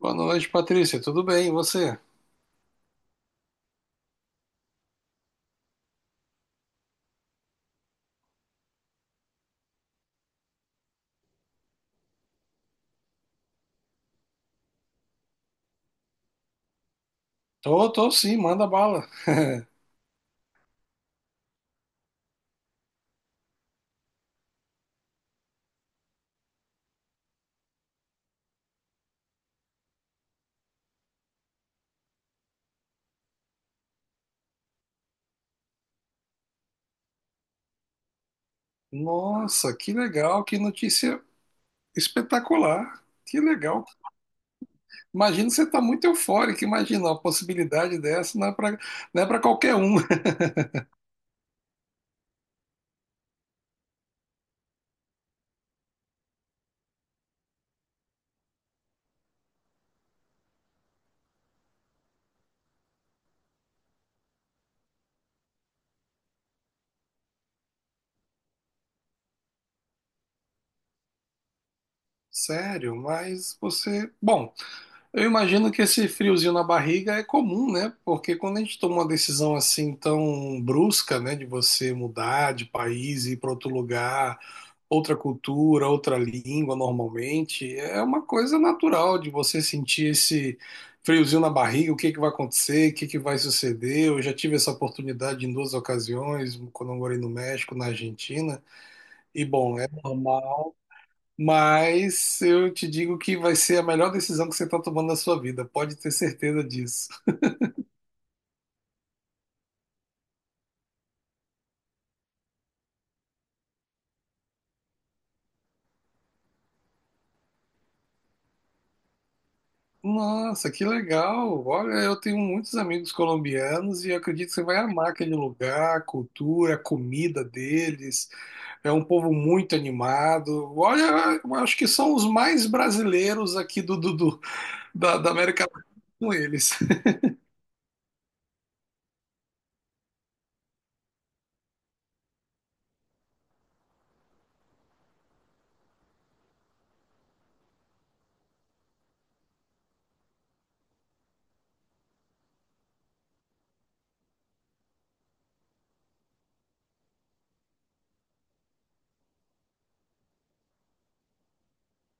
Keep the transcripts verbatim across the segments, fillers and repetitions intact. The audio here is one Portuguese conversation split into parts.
Boa noite, Patrícia. Tudo bem? E você? Tô, tô sim, manda bala. Nossa, que legal, que notícia espetacular. Que legal. Imagino que você tá muito eufórico, imagina uma possibilidade dessa, não é para, não é para qualquer um. Sério, mas você. Bom, eu imagino que esse friozinho na barriga é comum, né? Porque quando a gente toma uma decisão assim tão brusca, né, de você mudar de país, ir para outro lugar, outra cultura, outra língua normalmente, é uma coisa natural de você sentir esse friozinho na barriga, o que que vai acontecer, o que que vai suceder. Eu já tive essa oportunidade em duas ocasiões, quando eu morei no México, na Argentina, e bom, é normal, mas eu te digo que vai ser a melhor decisão que você está tomando na sua vida, pode ter certeza disso. Nossa, que legal! Olha, eu tenho muitos amigos colombianos e acredito que você vai amar aquele lugar, a cultura, a comida deles. É um povo muito animado. Olha, eu acho que são os mais brasileiros aqui do, do, do- da, da América Latina com eles.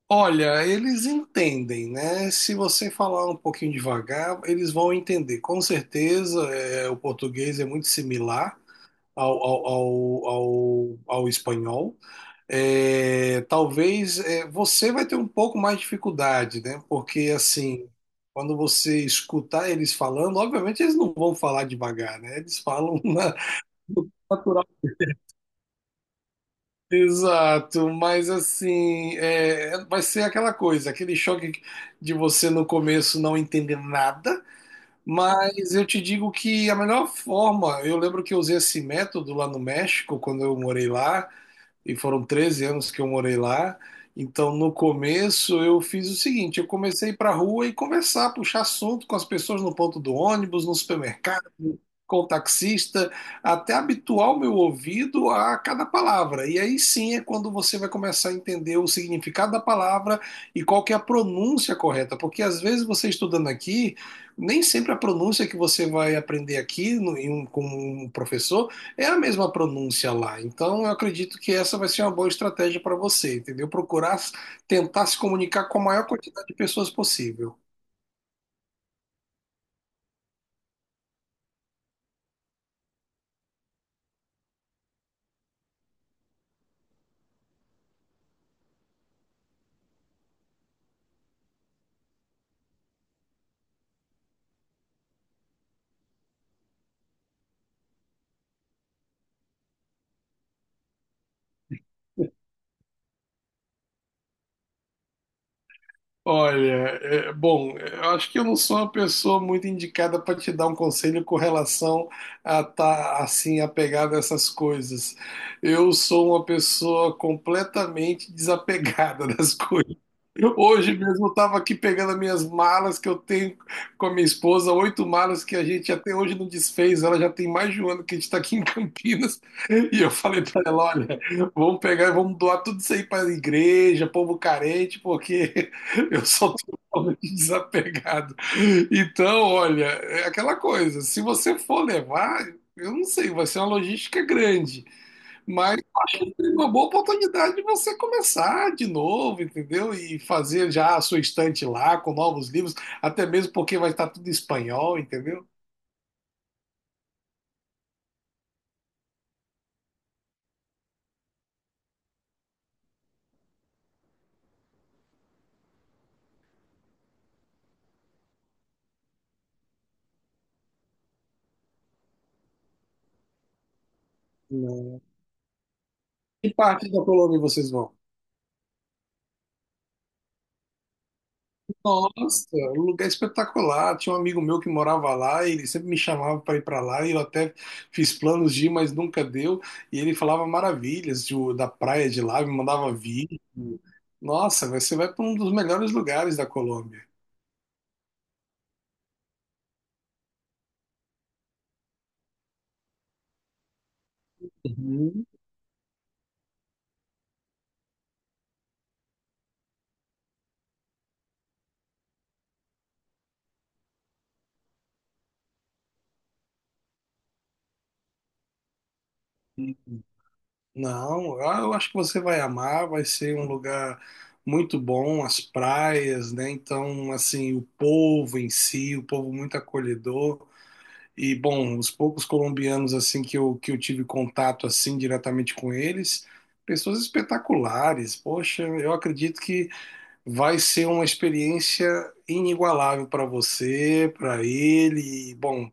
Olha, eles entendem, né? Se você falar um pouquinho devagar, eles vão entender. Com certeza, é, o português é muito similar ao, ao, ao, ao, ao espanhol. É, talvez é, você vai ter um pouco mais de dificuldade, né? Porque assim, quando você escutar eles falando, obviamente eles não vão falar devagar, né? Eles falam na natural. Exato, mas assim, é, vai ser aquela coisa, aquele choque de você no começo não entender nada, mas eu te digo que a melhor forma, eu lembro que eu usei esse método lá no México, quando eu morei lá, e foram treze anos que eu morei lá. Então, no começo, eu fiz o seguinte: eu comecei a ir para a rua e conversar, puxar assunto com as pessoas no ponto do ônibus, no supermercado, com o taxista, até habituar o meu ouvido a cada palavra. E aí sim é quando você vai começar a entender o significado da palavra e qual que é a pronúncia correta, porque às vezes você estudando aqui, nem sempre a pronúncia que você vai aprender aqui no- em um- com um professor é a mesma pronúncia lá. Então, eu acredito que essa vai ser uma boa estratégia para você, entendeu? Procurar tentar se comunicar com a maior quantidade de pessoas possível. Olha, é, bom, eu acho que eu não sou uma pessoa muito indicada para te dar um conselho com relação a estar assim apegado a essas coisas. Eu sou uma pessoa completamente desapegada das coisas. Hoje mesmo eu estava aqui pegando as minhas malas que eu tenho com a minha esposa, oito malas que a gente até hoje não desfez. Ela já tem mais de um ano que a gente está aqui em Campinas. E eu falei para ela: olha, vamos pegar e vamos doar tudo isso aí para a igreja, povo carente, porque. Eu sou totalmente desapegado. Então, olha, é aquela coisa, se você for levar, eu não sei, vai ser uma logística grande, mas é uma boa oportunidade de você começar de novo, entendeu? E fazer já a sua estante lá com novos livros, até mesmo porque vai estar tudo em espanhol, entendeu? Não. Que parte da Colômbia vocês vão? Nossa, um lugar é espetacular. Tinha um amigo meu que morava lá, e ele sempre me chamava para ir para lá, e eu até fiz planos de ir, mas nunca deu. E ele falava maravilhas de- da praia de lá, me mandava vídeo. Nossa, você vai para um dos melhores lugares da Colômbia. Uhum. Não, ah, eu acho que você vai amar, vai ser um lugar muito bom, as praias, né? Então, assim, o povo em si, o povo muito acolhedor. E bom, os poucos colombianos assim que eu, que eu tive contato assim diretamente com eles, pessoas espetaculares. Poxa, eu acredito que vai ser uma experiência inigualável para você, para ele. E bom,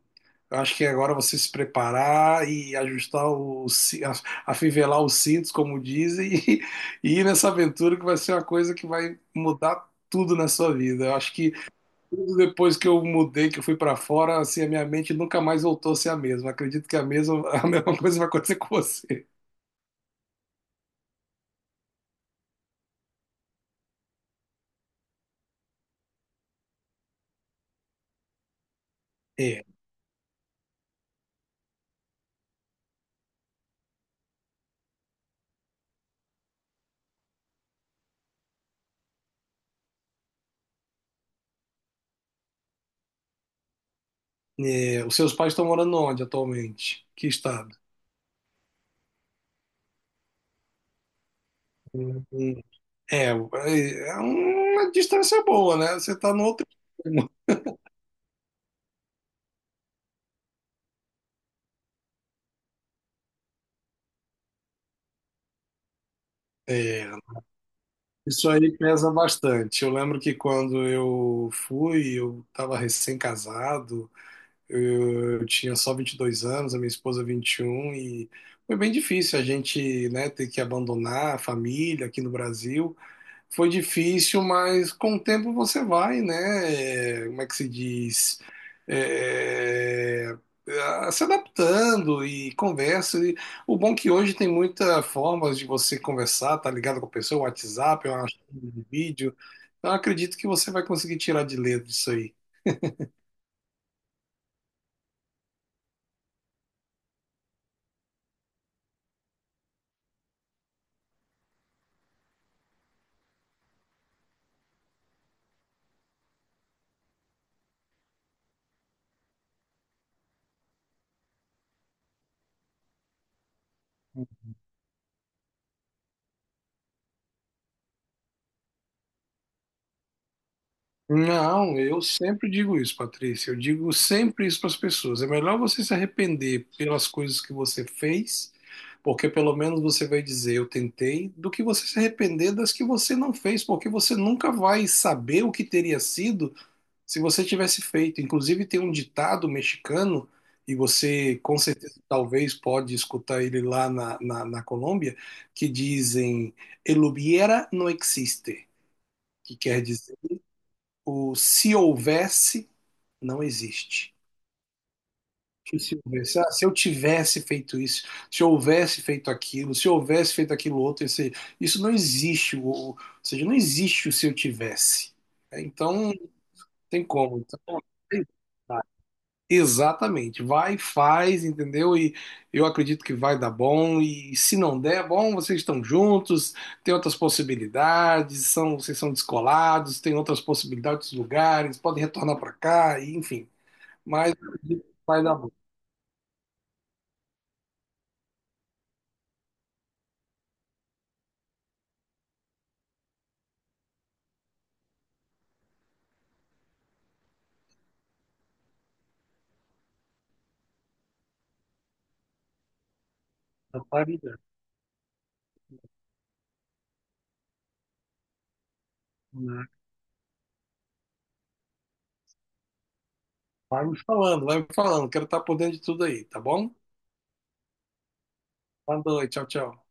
eu acho que agora você se preparar e ajustar o, ci- a- afivelar os cintos, como dizem, e, e ir nessa aventura que vai ser uma coisa que vai mudar tudo na sua vida. Eu acho que depois que eu mudei, que eu fui pra fora, assim, a minha mente nunca mais voltou a ser a mesma. Acredito que a mesma, a mesma coisa vai acontecer com você. É, é, os seus pais estão morando onde atualmente? Que estado? Hum, hum. É, é uma distância boa, né? Você tá no outro extremo. É, isso aí pesa bastante. Eu lembro que quando eu fui, eu estava recém-casado. Eu, eu tinha só vinte e dois anos, a minha esposa vinte e um, e um, e foi bem difícil a gente, né, ter que abandonar a família aqui no Brasil. Foi difícil, mas com o tempo você vai, né? é, Como é que se diz? É, a- se adaptando e conversa. E o bom é que hoje tem muitas formas de você conversar, tá ligado com a pessoa, WhatsApp, uma chamada de vídeo. Então, eu acredito que você vai conseguir tirar de letra isso aí. Não, eu sempre digo isso, Patrícia. Eu digo sempre isso para as pessoas. É melhor você se arrepender pelas coisas que você fez, porque pelo menos você vai dizer eu tentei, do que você se arrepender das que você não fez, porque você nunca vai saber o que teria sido se você tivesse feito. Inclusive, tem um ditado mexicano, e você com certeza talvez pode escutar ele lá na, na, na Colômbia, que dizem: El hubiera no existe, que quer dizer o se houvesse não existe. Que se houvesse, ah, se eu tivesse feito isso, se eu houvesse feito aquilo, se eu houvesse feito aquilo outro, esse- isso não existe. o- Ou seja, não existe o se eu tivesse. É, então, não tem como. Então, tem- tá. Exatamente. Vai, faz, entendeu? E eu acredito que vai dar bom. E se não der, bom, vocês estão juntos, tem outras possibilidades, são, vocês são descolados, tem outras possibilidades, lugares, podem retornar para cá, e, enfim. Mas vai dar bom. Vai me dando, né? Vai me falando, vai me falando. Quero estar por dentro de tudo aí, tá bom? Boa noite, tchau, tchau.